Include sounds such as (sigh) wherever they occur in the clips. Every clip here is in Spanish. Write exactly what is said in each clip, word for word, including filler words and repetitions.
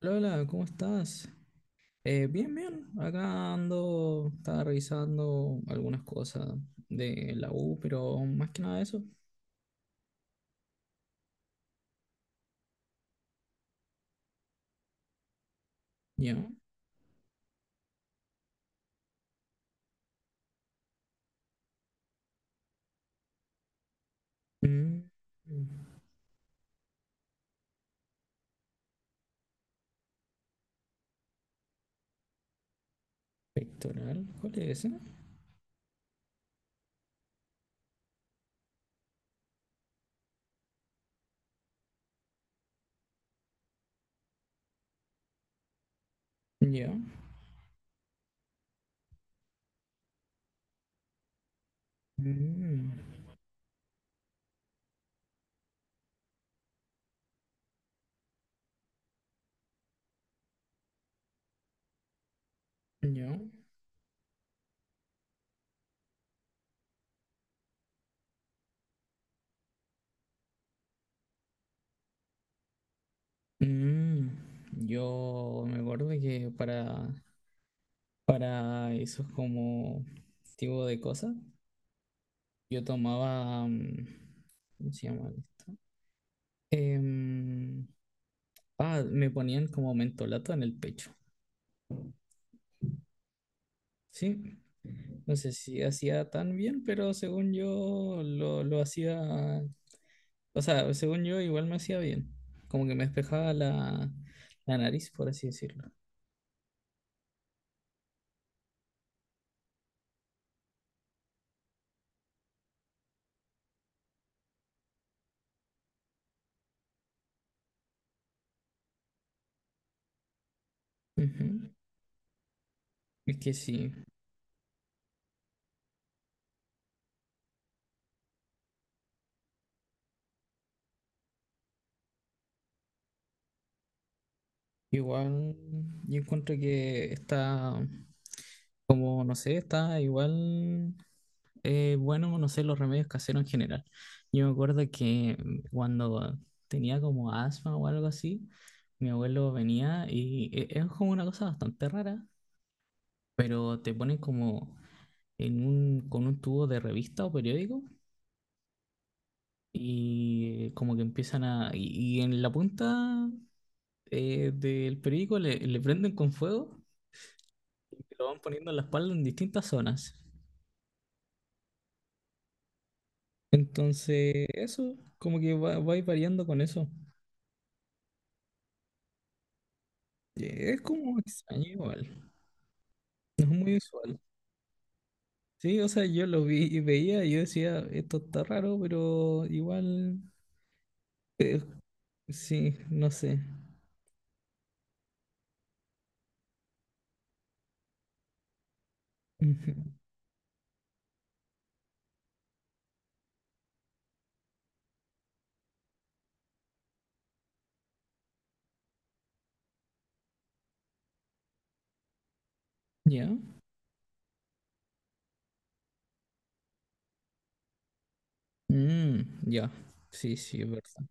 Lola, ¿cómo estás? Eh, bien, bien. Acá ando, estaba revisando algunas cosas de la U, pero más que nada eso. Ya. Mm. Pectoral, ¿cuál es ese? Ya. Mm. Ya. Mm. Yo me acuerdo que para, para esos como tipo de cosas, yo tomaba, mm, ¿cómo se llama esto? Em, ah, Me ponían como mentolato en el pecho. Sí, no sé si hacía tan bien, pero según yo lo, lo hacía, o sea, según yo igual me hacía bien, como que me despejaba la, la nariz, por así decirlo. Ujú. Es que sí, igual yo encuentro que está, como no sé, está igual eh, bueno, no sé, los remedios caseros en general. Yo me acuerdo que mm, cuando tenía como asma o algo así, mi abuelo venía y e- es como una cosa bastante rara, pero te ponen como en un, con un tubo de revista o periódico y eh, como que empiezan a... Y, y en la punta eh, del periódico le, le prenden con fuego y te lo van poniendo en la espalda en distintas zonas. Entonces, eso, como que va, va a ir variando con eso. Eh, Es como extraño igual, (laughs) no es muy usual. Sí, o sea, yo lo vi y veía y yo decía, esto está raro, pero igual, eh, sí, no sé. (laughs) Ujú. ¿Ya? Mm, ya. Sí, sí, es verdad.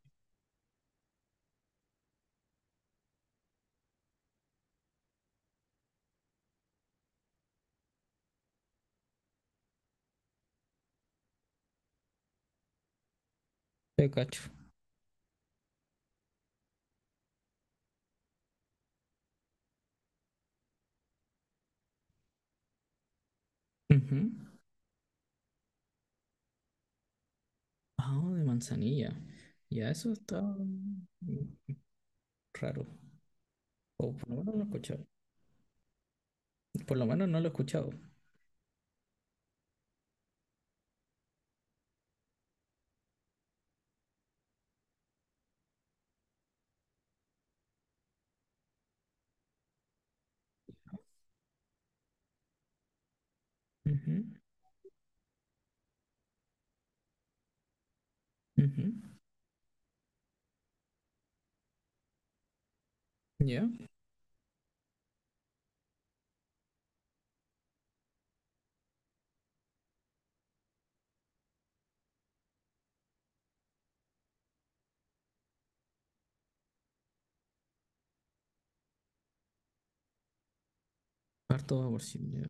Te cacho. Ujú. Ah, de manzanilla. Ya, eso está mm, raro. O por lo menos no lo he escuchado. Por lo menos no lo he escuchado. Ujú, ujú. Ya. Harto vaporcito, ya.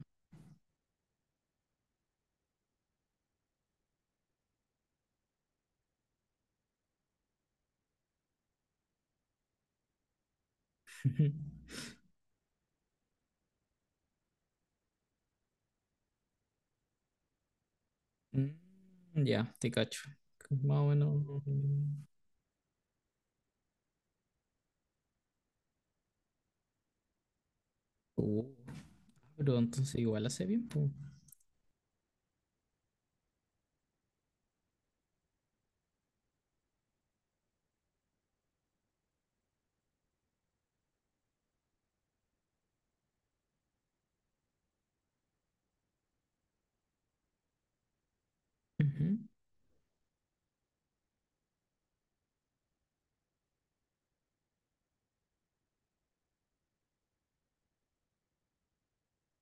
Ujú. Mm, ya, te cacho. Más o menos. mm, uh, pero entonces igual hace bien, pues. Ujú.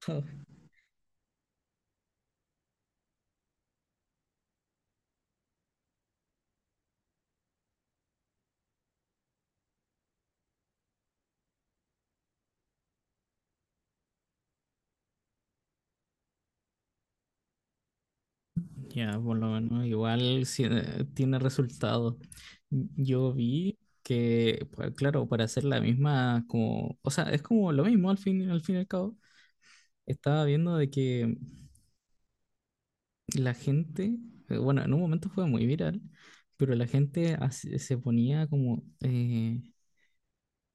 (laughs) Ya, por lo menos igual sí, eh, tiene resultado. Yo vi que, pues, claro, para hacer la misma, como, o sea, es como lo mismo al fin, al fin y al cabo. Estaba viendo de que la gente, eh, bueno, en un momento fue muy viral, pero la gente hace- se ponía como, eh,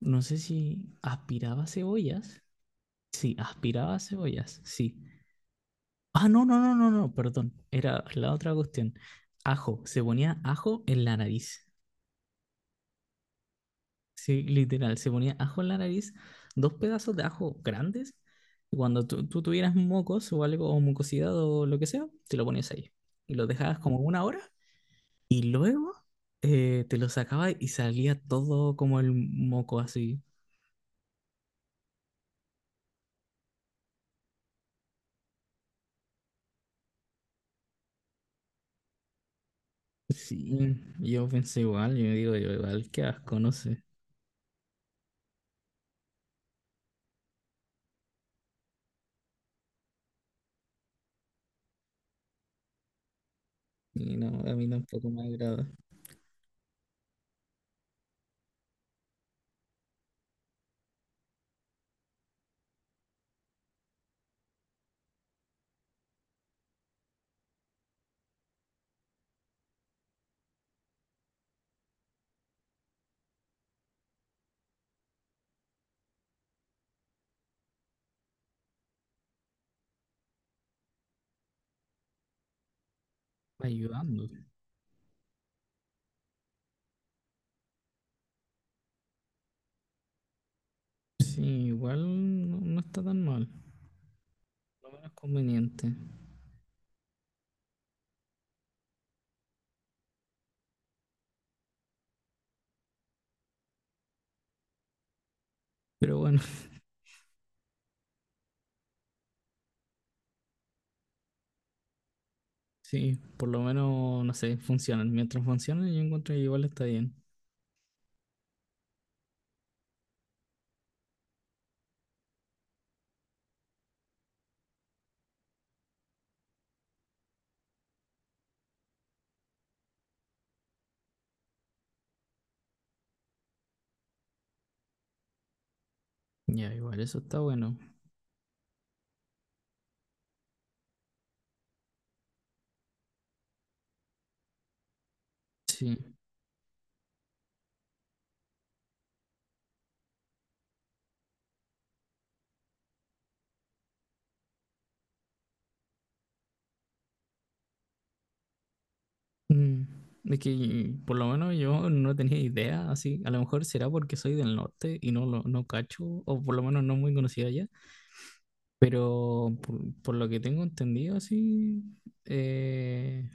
no sé si aspiraba cebollas. Sí, aspiraba cebollas, sí. Ah, no, no, no, no, no, perdón. Era la otra cuestión. Ajo, se ponía ajo en la nariz. Sí, literal, se ponía ajo en la nariz, dos pedazos de ajo grandes, y cuando tú, tú tuvieras mocos o algo, o mucosidad o lo que sea, te lo ponías ahí. Y lo dejabas como una hora, y luego eh, te lo sacabas y salía todo como el moco así. Sí, yo pensé igual, yo digo, yo igual, qué asco, no sé. Y no, a mí tampoco me agrada. Ayudando. Sí, igual no, no está tan mal, lo menos conveniente. Pero bueno. Sí, por lo menos, no sé, funcionan. Mientras funcionan, yo encuentro que igual está bien. Ya, igual, eso está bueno. Sí. Mm, es que por lo menos yo no tenía idea, así, a lo mejor será porque soy del norte y no lo no cacho, o por lo menos no muy conocida allá, pero por, por lo que tengo entendido, así, eh,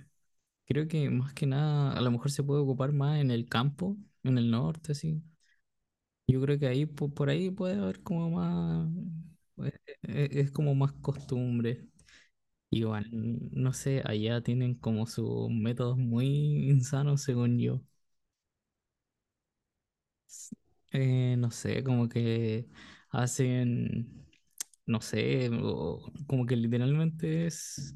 creo que más que nada, a lo mejor se puede ocupar más en el campo, en el norte, así. Yo creo que ahí po- por, ahí puede haber como más, eh, eh, es como más costumbre. Igual, no sé, allá tienen como sus métodos muy insanos, según yo. Eh, no sé, como que hacen, no sé, o- como que literalmente es,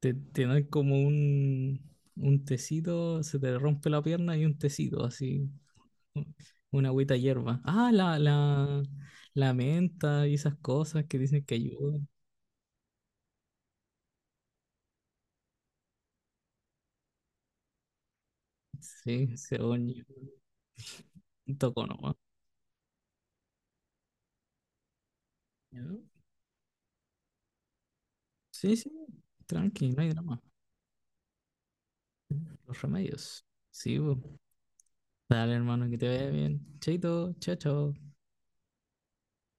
te, te dan como un, un tecito, se te rompe la pierna y un tecito, así. Un- Una agüita hierba. Ah, la, la, la menta y esas cosas que dicen que ayudan. Sí, según yo. Un toco nomás. Ya. Sí, sí, tranqui, no hay drama. Los remedios. Sí, bu. Dale, hermano, que te vaya bien. Chaito, chao, chao.